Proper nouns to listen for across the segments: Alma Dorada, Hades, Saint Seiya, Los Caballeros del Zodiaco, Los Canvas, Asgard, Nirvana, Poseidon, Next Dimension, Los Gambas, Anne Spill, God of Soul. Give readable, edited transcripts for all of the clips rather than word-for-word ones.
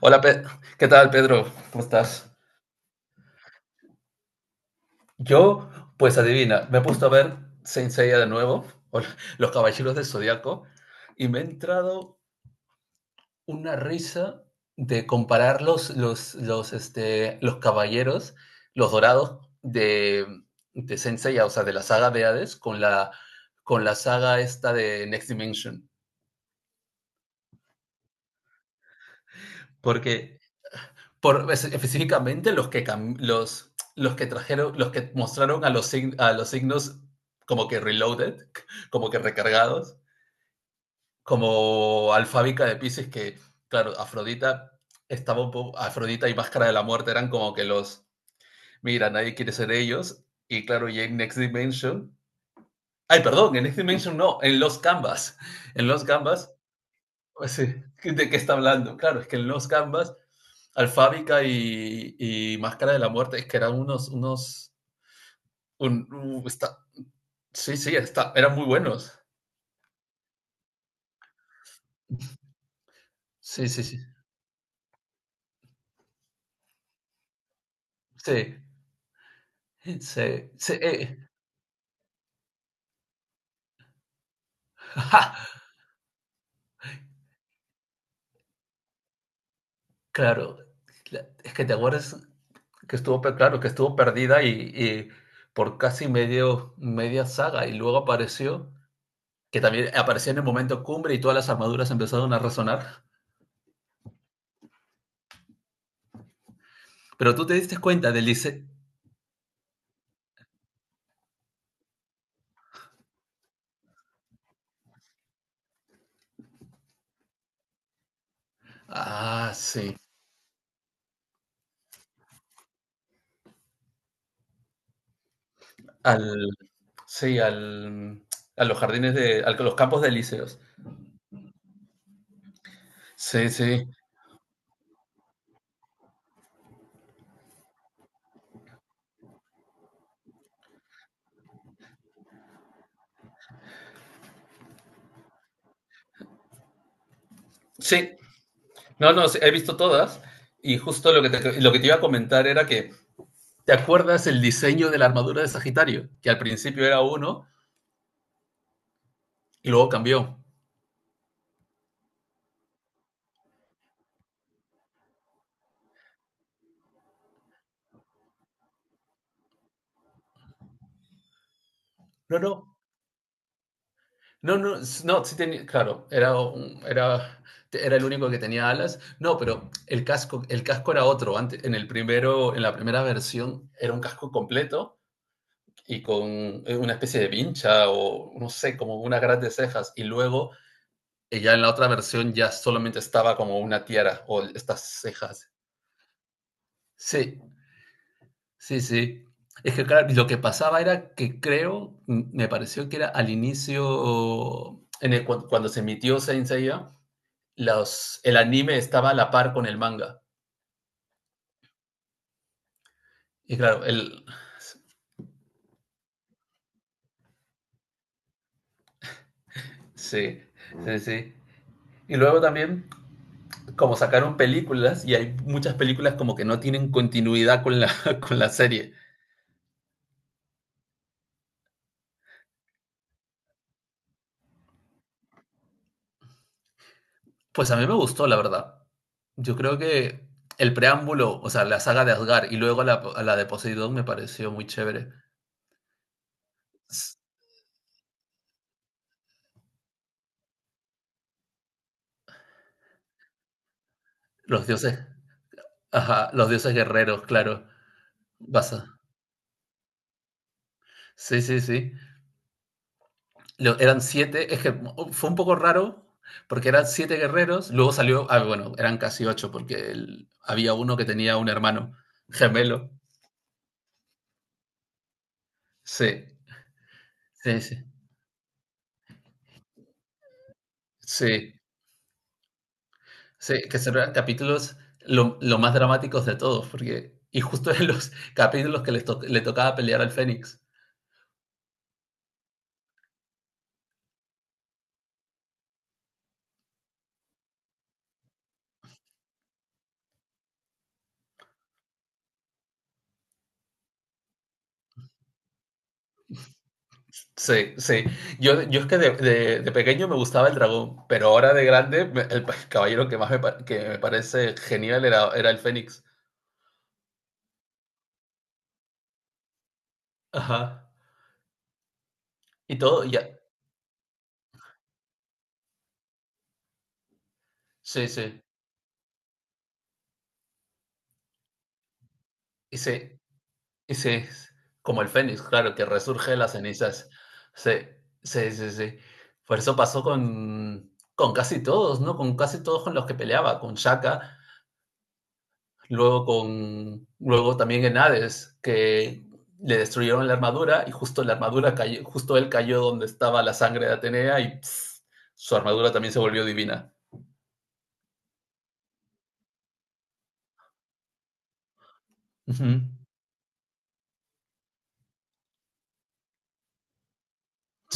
Hola, ¿qué tal, Pedro? ¿Cómo estás? Yo, pues adivina, me he puesto a ver Saint Seiya de nuevo, o Los Caballeros del Zodiaco, y me ha entrado una risa de comparar los caballeros, los dorados de Saint Seiya, o sea, de la saga de Hades, con la saga esta de Next Dimension. Porque Específicamente los que, los que trajeron, los que mostraron a a los signos como que reloaded, como que recargados, como Alfábica de Pisces, que claro, Afrodita estaba un poco, Afrodita y Máscara de la Muerte eran como que los, mira, nadie quiere ser ellos, y claro, y en Next Dimension, ay, perdón, en Next Dimension no, en Los Canvas pues sí. ¿De qué está hablando? Claro, es que en Los Gambas, Alfábica y Máscara de la Muerte, es que eran unos, unos, un- un- está- sí, sí, está, eran muy buenos. Sí, sí, sí, sí, sí, sí, eh. ¡Ja! Claro, la- es que te acuerdas que estuvo, pe- claro, que estuvo perdida y por casi medio, media saga y luego apareció, que también apareció en el momento cumbre y todas las armaduras empezaron a resonar. Pero tú te diste cuenta del diseño. Ah, sí. Al, sí, a los jardines a los campos de Elíseos. Sí, sí. Sí, no, no, sí, he visto todas. Y justo lo que te iba a comentar era que, ¿te acuerdas el diseño de la armadura de Sagitario? Que al principio era uno y luego cambió. No, no, no, no, no, sí tenía, claro, era, era el único que tenía alas. No, pero el casco era otro. Antes, en el primero, en la primera versión era un casco completo y con una especie de vincha o no sé, como una gran de cejas. Y luego ya en la otra versión ya solamente estaba como una tiara o estas cejas. Sí, sí, sí. Es que claro, lo que pasaba era que creo, me pareció que era al inicio, en cuando se emitió Saint Seiya, el anime estaba a la par con el manga. Y claro, el... Sí, sí, sí. Y luego también como sacaron películas y hay muchas películas como que no tienen continuidad con la serie. Pues a mí me gustó, la verdad. Yo creo que el preámbulo, o sea, la saga de Asgard y luego la de Poseidón me pareció muy chévere. Los dioses, ajá, los dioses guerreros, claro. Basa. Sí, sí, sí. Lo- eran siete, es que oh, fue un poco raro porque eran siete guerreros, luego salió, ah, bueno, eran casi ocho porque el- había uno que tenía un hermano gemelo. Sí, sí, sí. Sí, sí, que son capítulos lo más dramáticos de todos, porque, y justo en los capítulos que le tocaba pelear al Fénix. Sí, sí. Yo es que de pequeño me gustaba el dragón, pero ahora de grande, caballero que más que me parece genial era, era el Fénix. Ajá. Y todo, ya. Sí, sí. Y sí, y sí, como el Fénix, claro, que resurge de las cenizas. Sí, sí, sí, sí. Por eso pasó con casi todos, ¿no? Con casi todos con los que peleaba, con Shaka, luego también en Hades, que le destruyeron la armadura y justo la armadura cayó, justo él cayó donde estaba la sangre de Atenea y pss, su armadura también se volvió divina. Ujú.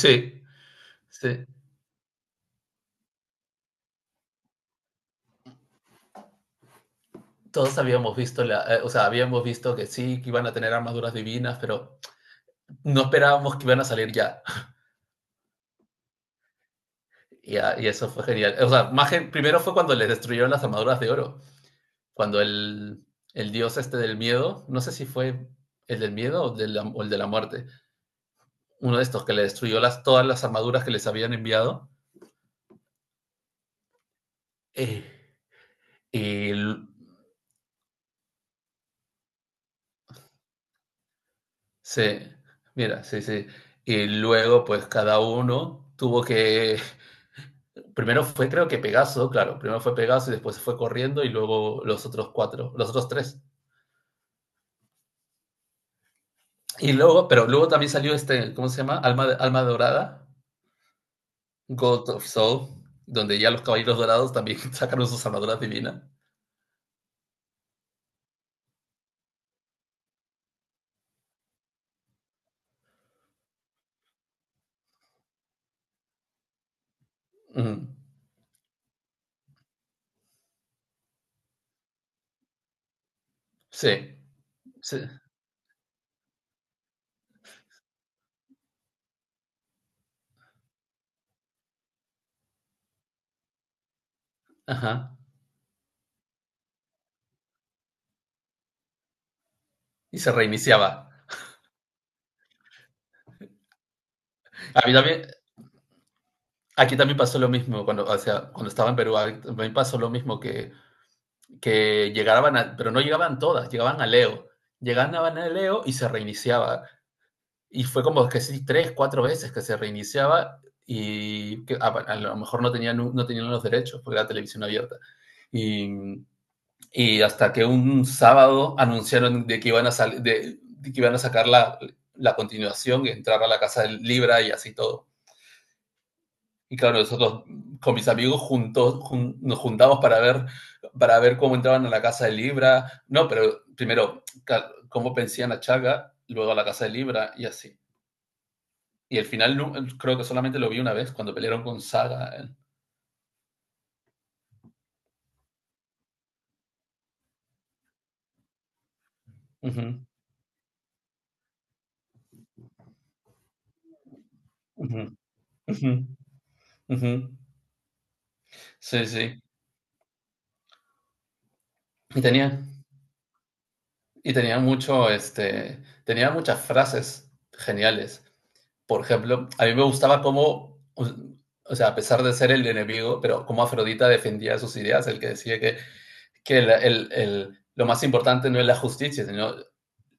Sí, sí. Todos habíamos visto o sea, habíamos visto que sí, que iban a tener armaduras divinas, pero no esperábamos que iban a salir ya. Y, ah, y eso fue genial. O sea, más que, primero fue cuando les destruyeron las armaduras de oro. Cuando el dios este del miedo, no sé si fue el del miedo o el de la muerte, uno de estos que le destruyó todas las armaduras que les habían enviado. Eh, y se, mira, sí, sí. Y luego, pues cada uno tuvo que. Primero fue, creo que Pegaso, claro, primero fue Pegaso y después se fue corriendo y luego los otros cuatro, los otros tres. Y luego, pero luego también salió este, ¿cómo se llama? Alma, Alma Dorada, God of Soul, donde ya los caballeros dorados también sacaron sus armaduras divinas. Mm, sí, sí, ajá. Y se reiniciaba. A mí también, aquí también pasó lo mismo, cuando, o sea, cuando estaba en Perú, a mí también pasó lo mismo que llegaban, a, pero no llegaban todas, llegaban a Leo. Llegaban a Leo y se reiniciaba. Y fue como que sí, tres, cuatro veces que se reiniciaba y que a lo mejor no tenían, no tenían los derechos porque era televisión abierta. Y, y hasta que un sábado anunciaron de que iban a, sal, de que iban a sacar la continuación y entrar a la casa del Libra y así todo. Y claro, nosotros con mis amigos juntos, jun, nos juntamos para ver cómo entraban a la casa de Libra. No, pero primero, cómo pensían a Chaga, luego a la casa de Libra y así. Y el final no creo que solamente lo vi una vez cuando pelearon con Saga. Eh. Ujú, ujú, ujú, ujú. Sí, sí. Y tenía, y tenía mucho, este, tenía muchas frases geniales. Por ejemplo, a mí me gustaba cómo, o sea, a pesar de ser el enemigo, pero cómo Afrodita defendía sus ideas, el que decía que lo más importante no es la justicia, sino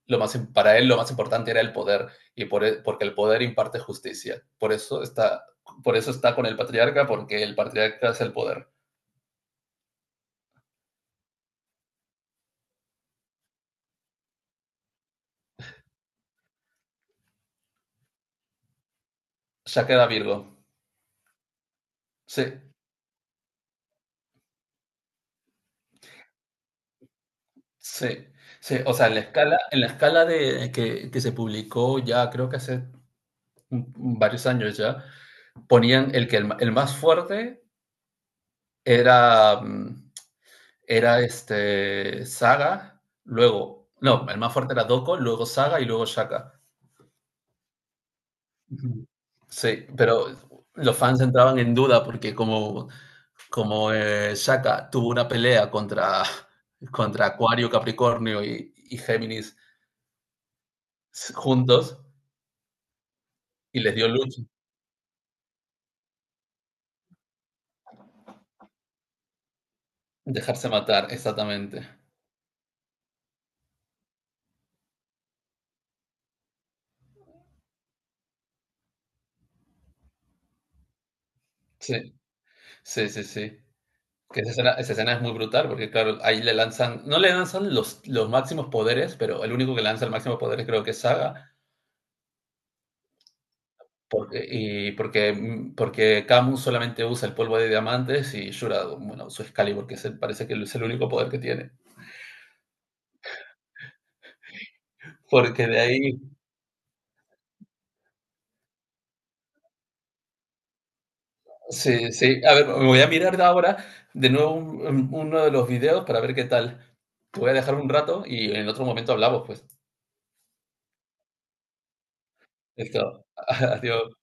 lo más, para él lo más importante era el poder porque el poder imparte justicia. Por eso está con el patriarca, porque el patriarca es el poder. Ya queda Virgo. Sí, sí, sí. O sea, en la escala de, que se publicó ya creo que hace varios años ya, ponían el que el más fuerte era, mm, era este Saga, luego, no, el más fuerte era Doko, luego Saga y luego Shaka. Ujú. Sí, pero los fans entraban en duda porque como Shaka tuvo una pelea contra, contra Acuario, Capricornio y Géminis juntos y les dio lucha, dejarse matar, exactamente. Sí, sí, sí, sí. Que esa escena es muy brutal porque claro, ahí le lanzan, no le lanzan los máximos poderes, pero el único que lanza el máximo poder creo que es Saga. Porque, y porque, mm, porque Camus solamente usa el polvo de diamantes y Shura, bueno, usa Excalibur, que es el- parece que es el único poder que tiene. Porque de ahí, sí, sí. A ver, me voy a mirar ahora de nuevo uno de los videos para ver qué tal. Te voy a dejar un rato y en otro momento hablamos, pues. Listo. Adiós.